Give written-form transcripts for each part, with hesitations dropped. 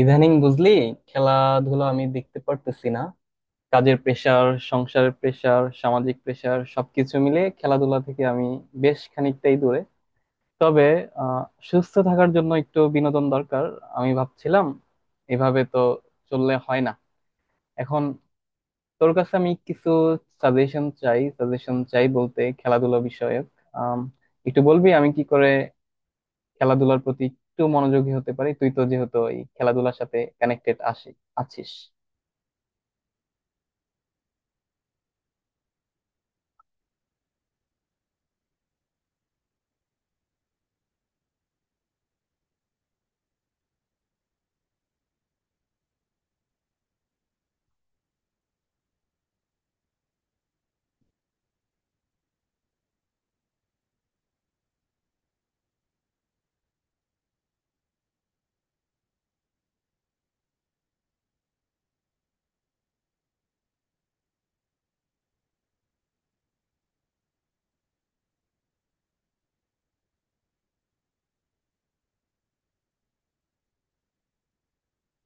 ইদানিং বুঝলি, খেলাধুলা আমি দেখতে পারতেছি না। কাজের প্রেসার, সংসারের প্রেসার, সামাজিক প্রেসার সবকিছু মিলে খেলাধুলা থেকে আমি বেশ খানিকটাই দূরে। তবে আহ সুস্থ থাকার জন্য একটু বিনোদন দরকার। আমি ভাবছিলাম এভাবে তো চললে হয় না। এখন তোর কাছে আমি কিছু সাজেশন চাই। সাজেশন চাই বলতে খেলাধুলা বিষয়ক। আম, একটু বলবি আমি কি করে খেলাধুলার প্রতি একটু মনোযোগী হতে পারি? তুই তো যেহেতু এই খেলাধুলার সাথে কানেক্টেড আসি আছিস।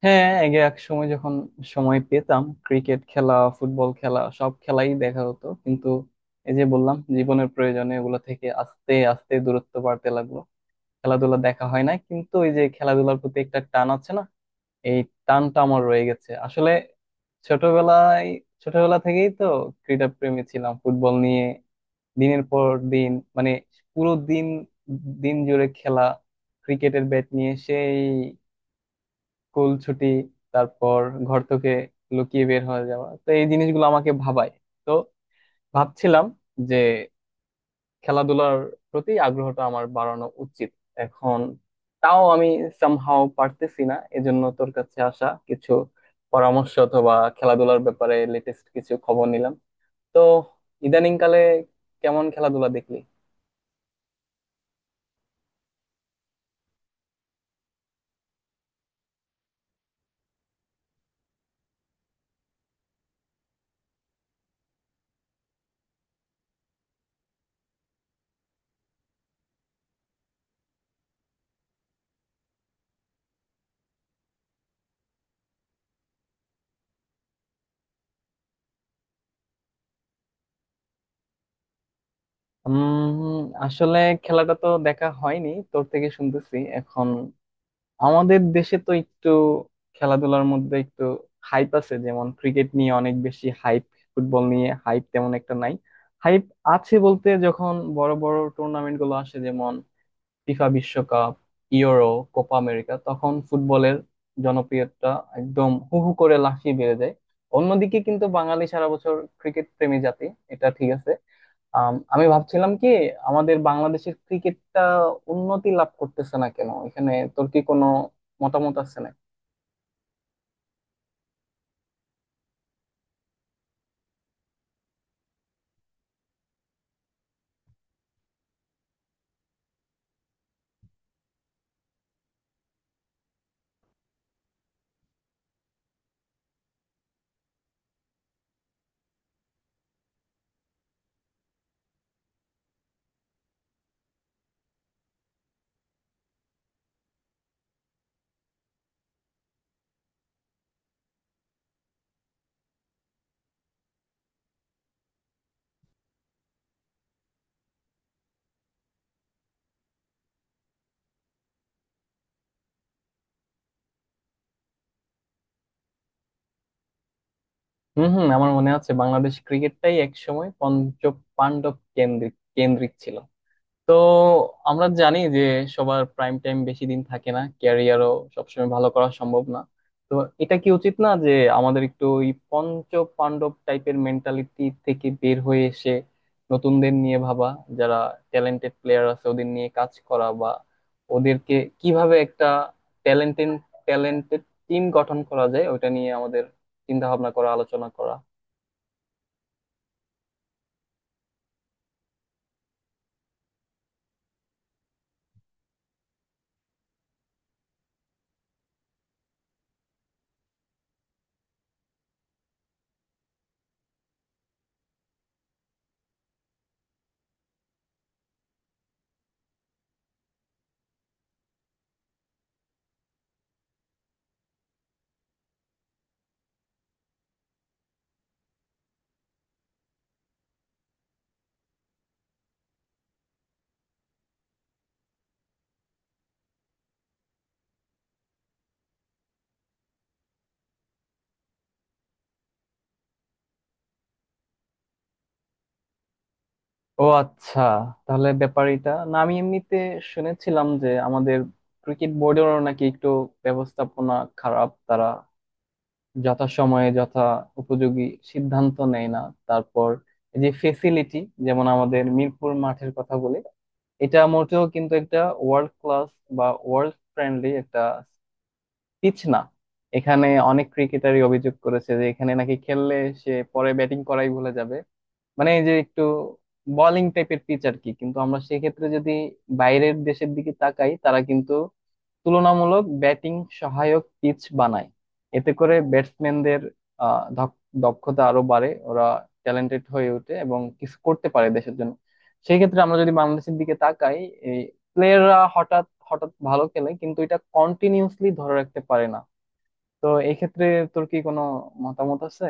হ্যাঁ, আগে এক সময় যখন সময় পেতাম, ক্রিকেট খেলা, ফুটবল খেলা সব খেলাই দেখা হতো। কিন্তু এই যে বললাম, জীবনের প্রয়োজনে এগুলো থেকে আস্তে আস্তে দূরত্ব বাড়তে লাগলো। খেলাধুলা দেখা হয় না, কিন্তু ওই যে খেলাধুলার প্রতি একটা টান আছে না, এই টানটা আমার রয়ে গেছে আসলে। ছোটবেলায়, ছোটবেলা থেকেই তো ক্রীড়া প্রেমী ছিলাম। ফুটবল নিয়ে দিনের পর দিন, মানে পুরো দিন দিন জুড়ে খেলা, ক্রিকেটের ব্যাট নিয়ে সেই স্কুল ছুটি, তারপর ঘর থেকে লুকিয়ে বের হয়ে যাওয়া — তো এই জিনিসগুলো আমাকে ভাবায়। তো ভাবছিলাম যে খেলাধুলার প্রতি আগ্রহটা আমার বাড়ানো উচিত। এখন তাও আমি সামহাও পারতেছি না, এজন্য তোর কাছে আসা। কিছু পরামর্শ অথবা খেলাধুলার ব্যাপারে লেটেস্ট কিছু খবর নিলাম। তো ইদানিং কালে কেমন খেলাধুলা দেখলি? উম আসলে খেলাটা তো দেখা হয়নি, তোর থেকে শুনতেছি এখন। আমাদের দেশে তো একটু খেলাধুলার মধ্যে একটু হাইপ আছে, যেমন ক্রিকেট নিয়ে অনেক বেশি হাইপ, ফুটবল নিয়ে হাইপ তেমন একটা নাই। হাইপ আছে বলতে, যখন বড় বড় টুর্নামেন্ট গুলো আসে যেমন ফিফা বিশ্বকাপ, ইউরো, কোপা আমেরিকা, তখন ফুটবলের জনপ্রিয়তা একদম হু হু করে লাফিয়ে বেড়ে যায়। অন্যদিকে কিন্তু বাঙালি সারা বছর ক্রিকেট প্রেমী জাতি, এটা ঠিক আছে। আমি ভাবছিলাম কি, আমাদের বাংলাদেশের ক্রিকেটটা উন্নতি লাভ করতেছে না কেন? এখানে তোর কি কোনো মতামত আছে না? হুম হুম, আমার মনে আছে বাংলাদেশ ক্রিকেটটাই একসময় পঞ্চ পাণ্ডব কেন্দ্রিক কেন্দ্রিক ছিল। তো আমরা জানি যে সবার প্রাইম টাইম বেশি দিন থাকে না, ক্যারিয়ারও সবসময় ভালো করা সম্ভব না। তো এটা কি উচিত না যে আমাদের একটু ওই পঞ্চ পাণ্ডব টাইপের মেন্টালিটি থেকে বের হয়ে এসে নতুনদের নিয়ে ভাবা? যারা ট্যালেন্টেড প্লেয়ার আছে ওদের নিয়ে কাজ করা, বা ওদেরকে কিভাবে একটা ট্যালেন্টেড ট্যালেন্টেড টিম গঠন করা যায় ওটা নিয়ে আমাদের চিন্তা ভাবনা করা, আলোচনা করা। ও আচ্ছা, তাহলে ব্যাপারটা, না আমি এমনিতে শুনেছিলাম যে আমাদের ক্রিকেট বোর্ডেরও নাকি একটু ব্যবস্থাপনা খারাপ, তারা যথা সময়ে যথা উপযোগী সিদ্ধান্ত নেয় না। তারপর এই যে ফেসিলিটি, যেমন আমাদের মিরপুর মাঠের কথা বলি, এটা মোটেও কিন্তু একটা ওয়ার্ল্ড ক্লাস বা ওয়ার্ল্ড ফ্রেন্ডলি একটা পিচ না। এখানে অনেক ক্রিকেটারই অভিযোগ করেছে যে এখানে নাকি খেললে সে পরে ব্যাটিং করাই ভুলে যাবে। মানে এই যে একটু বোলিং টাইপের পিচ আর কি। কিন্তু আমরা সেক্ষেত্রে যদি বাইরের দেশের দিকে তাকাই, তারা কিন্তু তুলনামূলক ব্যাটিং সহায়ক পিচ বানায়। এতে করে ব্যাটসম্যানদের দক্ষতা আরো বাড়ে, ওরা ট্যালেন্টেড হয়ে ওঠে এবং কিছু করতে পারে দেশের জন্য। সেই ক্ষেত্রে আমরা যদি বাংলাদেশের দিকে তাকাই, প্লেয়াররা হঠাৎ হঠাৎ ভালো খেলে, কিন্তু এটা কন্টিনিউসলি ধরে রাখতে পারে না। তো এই ক্ষেত্রে তোর কি কোনো মতামত আছে?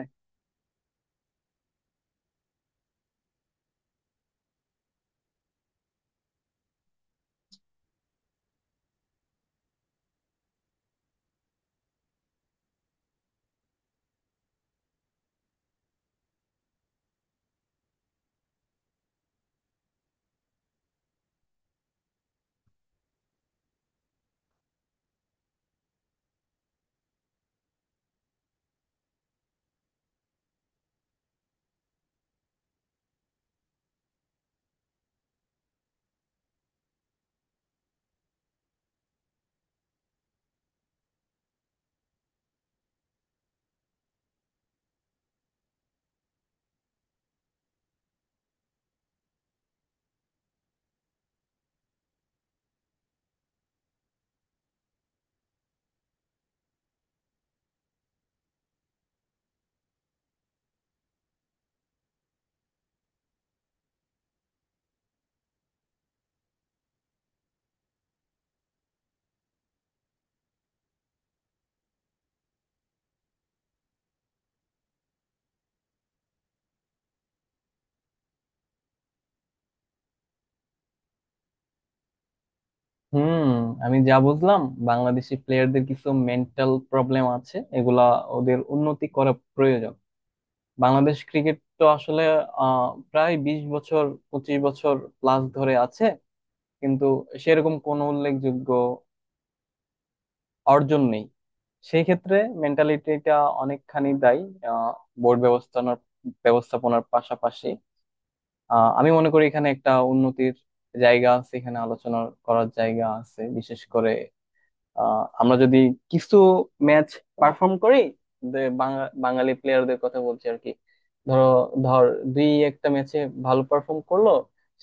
হুম, আমি যা বুঝলাম, বাংলাদেশি প্লেয়ারদের কিছু মেন্টাল প্রবলেম আছে, এগুলা ওদের উন্নতি করা প্রয়োজন। বাংলাদেশ ক্রিকেট তো আসলে প্রায় 20 বছর, 25 বছর প্লাস ধরে আছে, কিন্তু সেরকম কোনো উল্লেখযোগ্য অর্জন নেই। সেই ক্ষেত্রে মেন্টালিটিটা অনেকখানি দায়ী। আহ বোর্ড ব্যবস্থাপনার ব্যবস্থাপনার পাশাপাশি আমি মনে করি এখানে একটা উন্নতির জায়গা আছে, এখানে আলোচনা করার জায়গা আছে। বিশেষ করে আমরা যদি কিছু ম্যাচ পারফর্ম করি, বাঙালি প্লেয়ারদের কথা বলছি আর কি। ধরো ধর, দুই একটা ম্যাচে ভালো পারফর্ম করলো,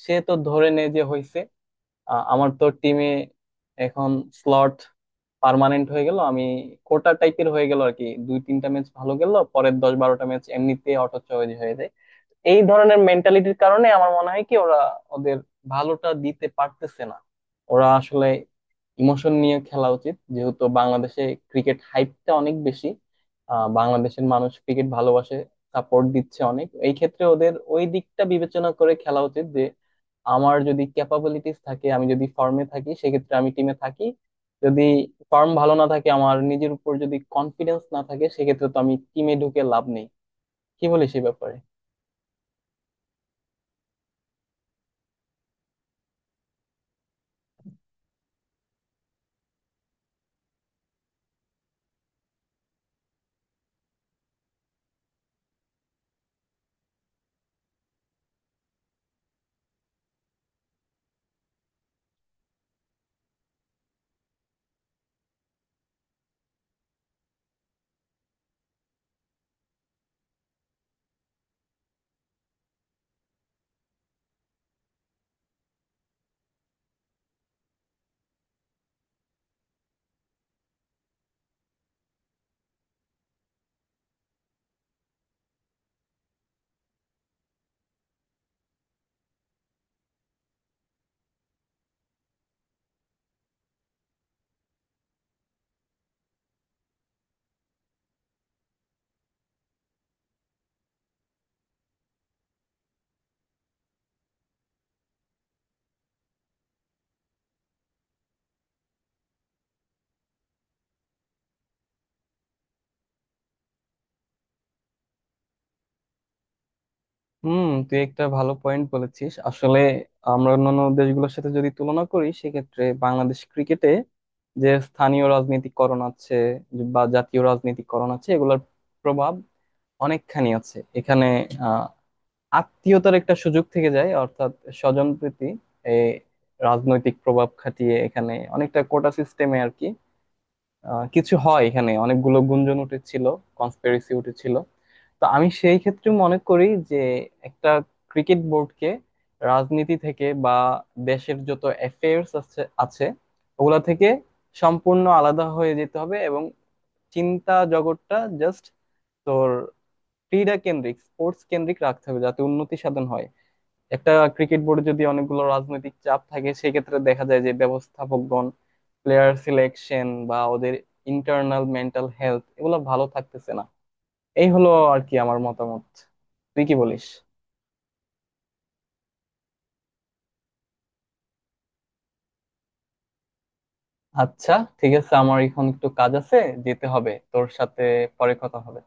সে তো ধরে নে যে হয়েছে। আমার তো টিমে এখন স্লট পার্মানেন্ট হয়ে গেল, আমি কোটা টাইপের হয়ে গেল আর কি। দুই তিনটা ম্যাচ ভালো গেল, পরের দশ বারোটা ম্যাচ এমনিতে অটো চয়েজ হয়ে যায়। এই ধরনের মেন্টালিটির কারণে আমার মনে হয় কি, ওরা ওদের ভালোটা দিতে পারতেছে না। ওরা আসলে ইমোশন নিয়ে খেলা উচিত, যেহেতু বাংলাদেশে ক্রিকেট হাইপটা অনেক বেশি। বাংলাদেশের মানুষ ক্রিকেট ভালোবাসে, সাপোর্ট দিচ্ছে অনেক। এই ক্ষেত্রে ওদের ওই দিকটা বিবেচনা করে খেলা উচিত যে আমার যদি ক্যাপাবিলিটিস থাকে, আমি যদি ফর্মে থাকি, সেক্ষেত্রে আমি টিমে থাকি। যদি ফর্ম ভালো না থাকে, আমার নিজের উপর যদি কনফিডেন্স না থাকে, সেক্ষেত্রে তো আমি টিমে ঢুকে লাভ নেই। কি বলিস এই ব্যাপারে? হুম, তুই একটা ভালো পয়েন্ট বলেছিস। আসলে আমরা অন্যান্য দেশগুলোর সাথে যদি তুলনা করি, সেক্ষেত্রে বাংলাদেশ ক্রিকেটে যে স্থানীয় রাজনীতিকরণ আছে বা জাতীয় রাজনীতিকরণ আছে, এগুলোর প্রভাব অনেকখানি আছে এখানে। আহ আত্মীয়তার একটা সুযোগ থেকে যায়, অর্থাৎ স্বজন প্রীতি। এই রাজনৈতিক প্রভাব খাটিয়ে এখানে অনেকটা কোটা সিস্টেমে আর কি কিছু হয়। এখানে অনেকগুলো গুঞ্জন উঠেছিল, কনস্পিরেসি উঠেছিল। তো আমি সেই ক্ষেত্রে মনে করি যে একটা ক্রিকেট বোর্ডকে রাজনীতি থেকে বা দেশের যত অ্যাফেয়ার্স আছে আছে ওগুলা থেকে সম্পূর্ণ আলাদা হয়ে যেতে হবে, এবং চিন্তা জগৎটা জাস্ট তোর ক্রীড়া কেন্দ্রিক, স্পোর্টস কেন্দ্রিক রাখতে হবে যাতে উন্নতি সাধন হয়। একটা ক্রিকেট বোর্ডে যদি অনেকগুলো রাজনৈতিক চাপ থাকে, সেক্ষেত্রে দেখা যায় যে ব্যবস্থাপকগণ প্লেয়ার সিলেকশন বা ওদের ইন্টারনাল মেন্টাল হেলথ, এগুলো ভালো থাকতেছে না। এই হলো আর কি আমার মতামত। তুই কি বলিস? আচ্ছা, ঠিক আছে, আমার এখন একটু কাজ আছে, যেতে হবে। তোর সাথে পরে কথা হবে।